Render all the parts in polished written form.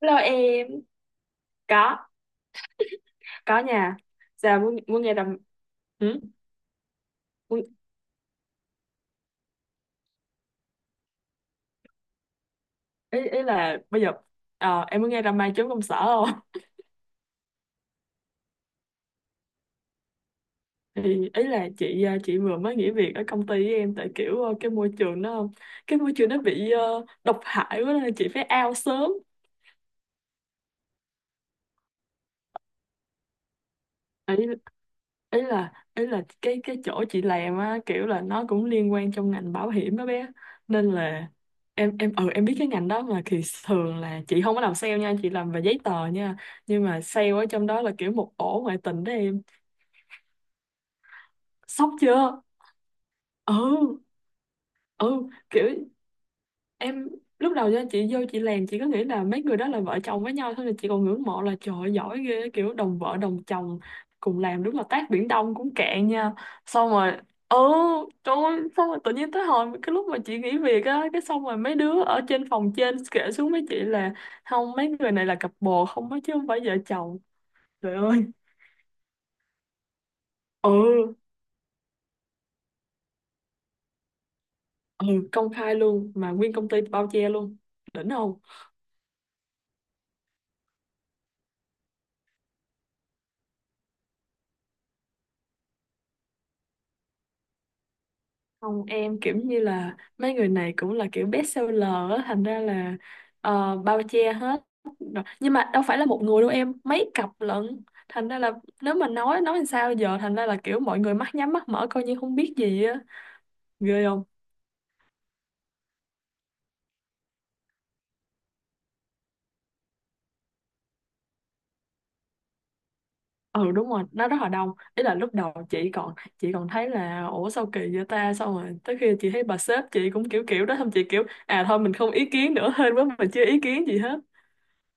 Hello em. có có nha. Giờ muốn muốn nghe đam. Ừ? muốn, ý ý là bây giờ, em muốn nghe đam mê chốn công sở không? Thì ý là chị vừa mới nghỉ việc ở công ty với em, tại kiểu, cái môi trường nó bị, độc hại quá nên là chị phải out sớm. Ý ý là ý là cái chỗ chị làm á, kiểu là nó cũng liên quan trong ngành bảo hiểm đó bé, nên là em biết cái ngành đó mà, thì thường là chị không có làm sale nha, chị làm về giấy tờ nha, nhưng mà sale ở trong đó là kiểu một ổ ngoại tình đó em. Sốc chưa? Ừ, ừ, kiểu em lúc đầu cho chị vô chị làm, chị cứ nghĩ là mấy người đó là vợ chồng với nhau thôi, là chị còn ngưỡng mộ là trời ơi, giỏi ghê, kiểu đồng vợ đồng chồng cùng làm, đúng là tát biển đông cũng cạn nha. Xong rồi, ừ, trời ơi, xong rồi tự nhiên tới hồi cái lúc mà chị nghỉ việc á, cái xong rồi mấy đứa ở trên phòng trên kể xuống với chị là không, mấy người này là cặp bồ không á, chứ không phải vợ chồng. Trời ơi. Ừ, ừ, công khai luôn mà nguyên công ty bao che luôn. Đỉnh không? Không em, kiểu như là mấy người này cũng là kiểu best seller á, thành ra là, bao che hết. Rồi. Nhưng mà đâu phải là một người đâu em, mấy cặp lận. Thành ra là nếu mà nói làm sao giờ, thành ra là kiểu mọi người mắt nhắm mắt mở coi như không biết gì á. Ghê không? Ừ đúng rồi, nó rất là đông. Ý là lúc đầu chị còn thấy là ủa sao kỳ vậy ta, xong rồi tới khi chị thấy bà sếp chị cũng kiểu kiểu đó, xong chị kiểu à thôi mình không ý kiến nữa hên quá mình chưa ý kiến gì hết.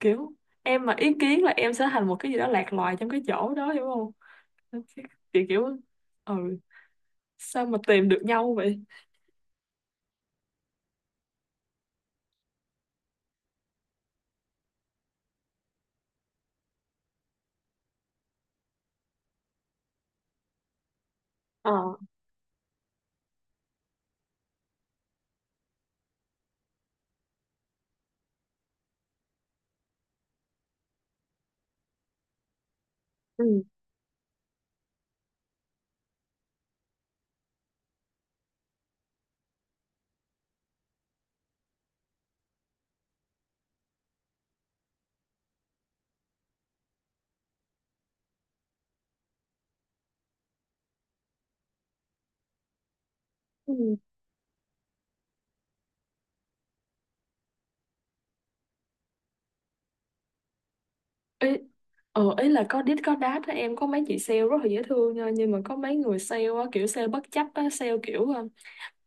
Kiểu em mà ý kiến là em sẽ thành một cái gì đó lạc loài trong cái chỗ đó, hiểu không? Chị kiểu ừ sao mà tìm được nhau vậy? ờ ừ. Ừ. ý ý là có đít có đát á em, có mấy chị sale rất là dễ thương nha, nhưng mà có mấy người sale á kiểu sale bất chấp á, sale kiểu,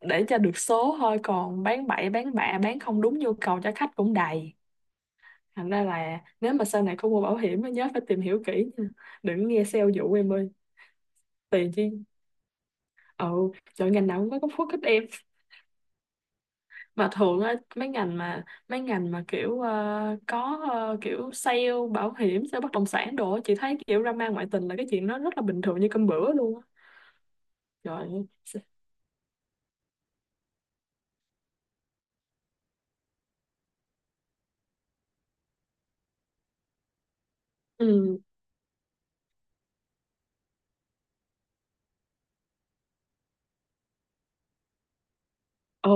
để cho được số thôi, còn bán bậy bán bạ bán không đúng nhu cầu cho khách cũng đầy. Thành ra là nếu mà sau này có mua bảo hiểm á nhớ phải tìm hiểu kỹ nha, đừng nghe sale dụ em ơi. Tiền chi. Ừ trời, ngành nào cũng có góc khuất hết em. Mà thường á, mấy ngành mà kiểu, có, kiểu sale bảo hiểm, sale bất động sản đồ á, chị thấy kiểu drama ngoại tình là cái chuyện nó rất là bình thường như cơm bữa luôn á. Trời ơi. Ừ. Ồ.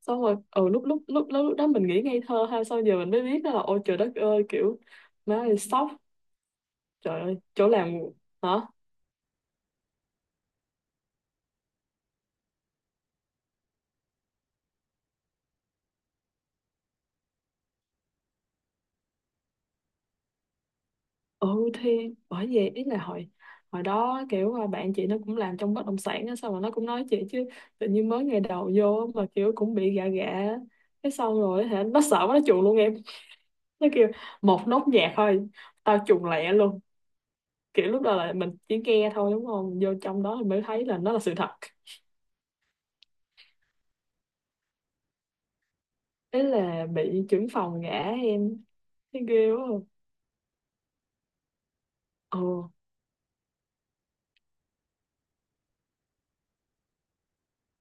Xong rồi, ừ, lúc lúc lúc lúc đó mình nghĩ ngây thơ ha, xong giờ mình mới biết đó là ôi trời đất ơi, kiểu má ơi sốc, trời ơi chỗ làm. Hả? Ừ, thì bởi vậy ý là hồi hồi đó kiểu là bạn chị nó cũng làm trong bất động sản á, xong rồi nó cũng nói chị chứ tự nhiên mới ngày đầu vô mà kiểu cũng bị gạ gạ, cái xong rồi hả, nó sợ quá nó chuồn luôn em. Nó kêu một nốt nhạc thôi tao chuồn lẹ luôn, kiểu lúc đó là mình chỉ nghe thôi đúng không, vô trong đó thì mới thấy là nó là sự thật. Ý là bị trưởng phòng gã em, thấy ghê quá. Ừ,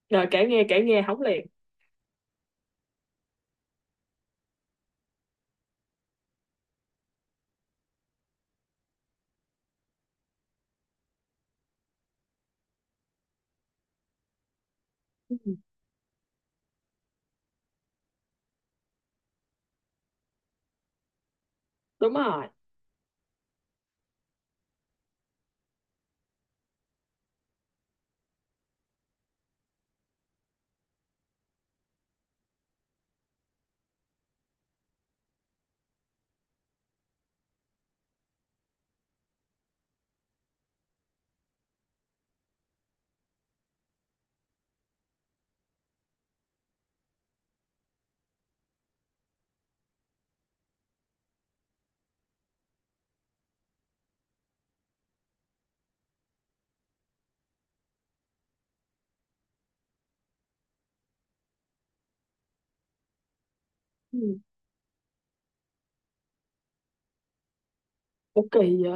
rồi kể nghe hóng liền. Ừ, đúng rồi. Ừ. Ủa kỳ vậy.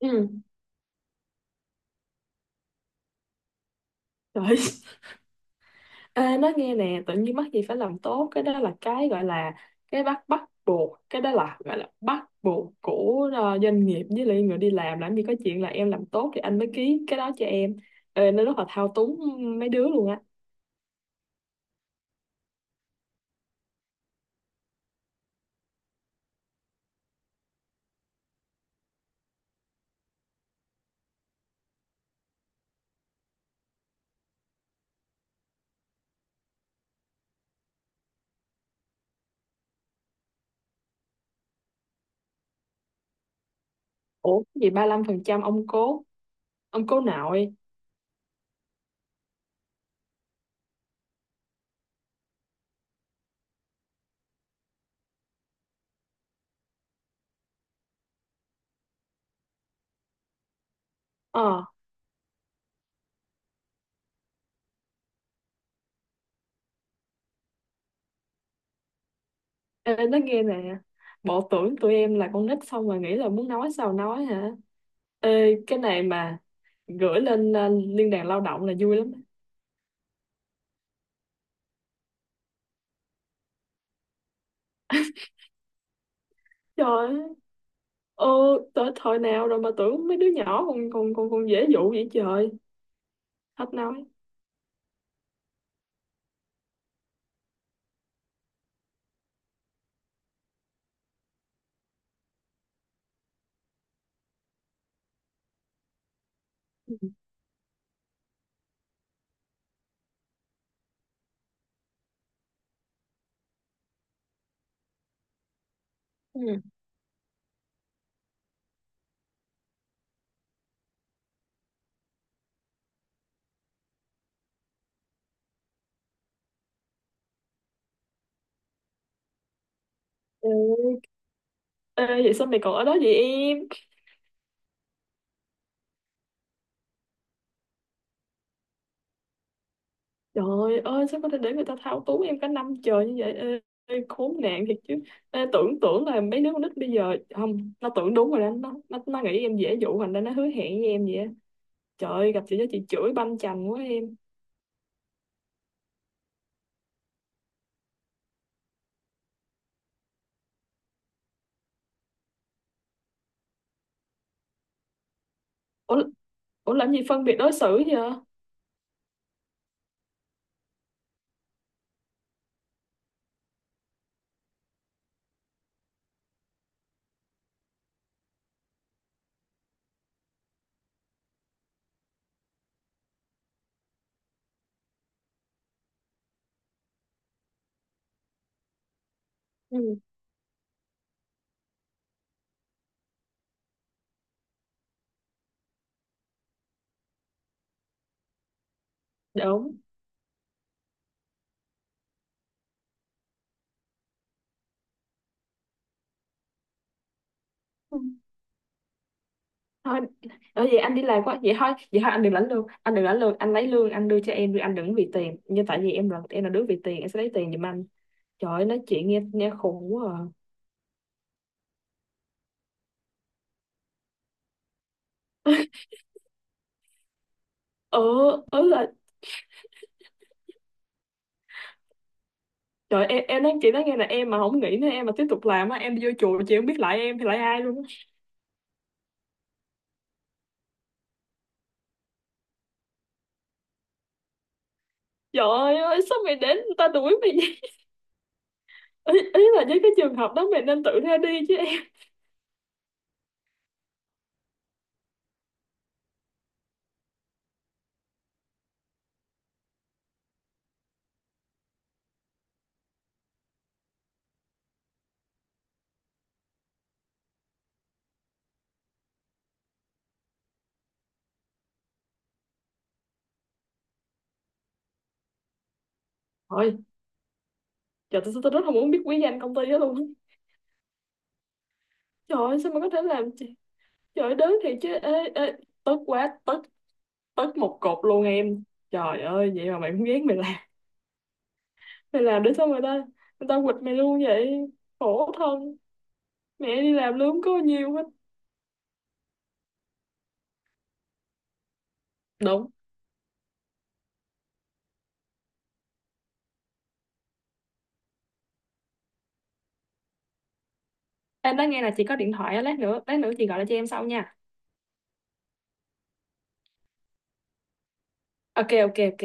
Ừ. Trời. Ê, nói nghe nè, tự nhiên mắc gì phải làm tốt, cái đó là cái gọi là cái bắt bắt buộc, cái đó là gọi là bắt buộc của, doanh nghiệp với lại người đi làm gì có chuyện là em làm tốt thì anh mới ký cái đó cho em. Ê, nó rất là thao túng mấy đứa luôn á. Ủa cái gì 35% ông cố, ông cố nội. ờ Ê, nói nghe nè, bộ tưởng tụi em là con nít xong rồi nghĩ là muốn nói sao nói hả? Ê, cái này mà gửi lên, liên đoàn lao động là vui lắm. Trời ơi, ờ, tới thời nào rồi mà tưởng mấy đứa nhỏ còn còn còn còn dễ dụ vậy trời. Hết nói. Ừ. Ừ. Ừ. Ê, vậy sao mày còn ở đó vậy em? Trời ơi, sao có thể để người ta thao túng em cả năm trời như vậy? Ê, ê, khốn nạn thiệt chứ. Ê, tưởng tưởng là mấy đứa con nít bây giờ không, nó tưởng đúng rồi đó, nó nghĩ em dễ dụ, thành ra nó hứa hẹn với em vậy. Á. Trời ơi, gặp chị đó chị chửi banh chành quá em. Ủa, ủa làm gì phân biệt đối xử vậy? Ừ. Đúng. Thôi ở vậy anh đi làm quá vậy, thôi vậy thôi, anh đừng lãnh lương, anh đừng lãnh lương, anh lấy lương anh đưa cho em đi, anh đừng vì tiền, nhưng tại vì em là đứa vì tiền, em sẽ lấy tiền giùm anh. Trời ơi, nói chuyện nghe nghe khùng quá à. Ờ ớ Là trời em nói chị nói nghe là em mà không nghĩ nữa, em mà tiếp tục làm á em đi vô chùa, chị không biết lại em thì lại ai luôn á. Trời ơi sao mày đến người ta đuổi mày vậy? Ý là với cái trường hợp đó mày nên tự ra đi chứ em. Thôi trời, tôi rất không muốn biết quý danh công ty đó luôn á. Trời ơi, sao mà có thể làm chị. Trời ơi, đớn thiệt chứ. Ê, ê, tức quá tức tất một cột luôn em. Trời ơi vậy mà mày cũng ghét, mày làm để sao người ta quỵt mày luôn vậy, khổ thân, mẹ đi làm lương có nhiều hết đúng. Em đã nghe là chị có điện thoại á, lát nữa chị gọi lại cho em sau nha. Ok ok ok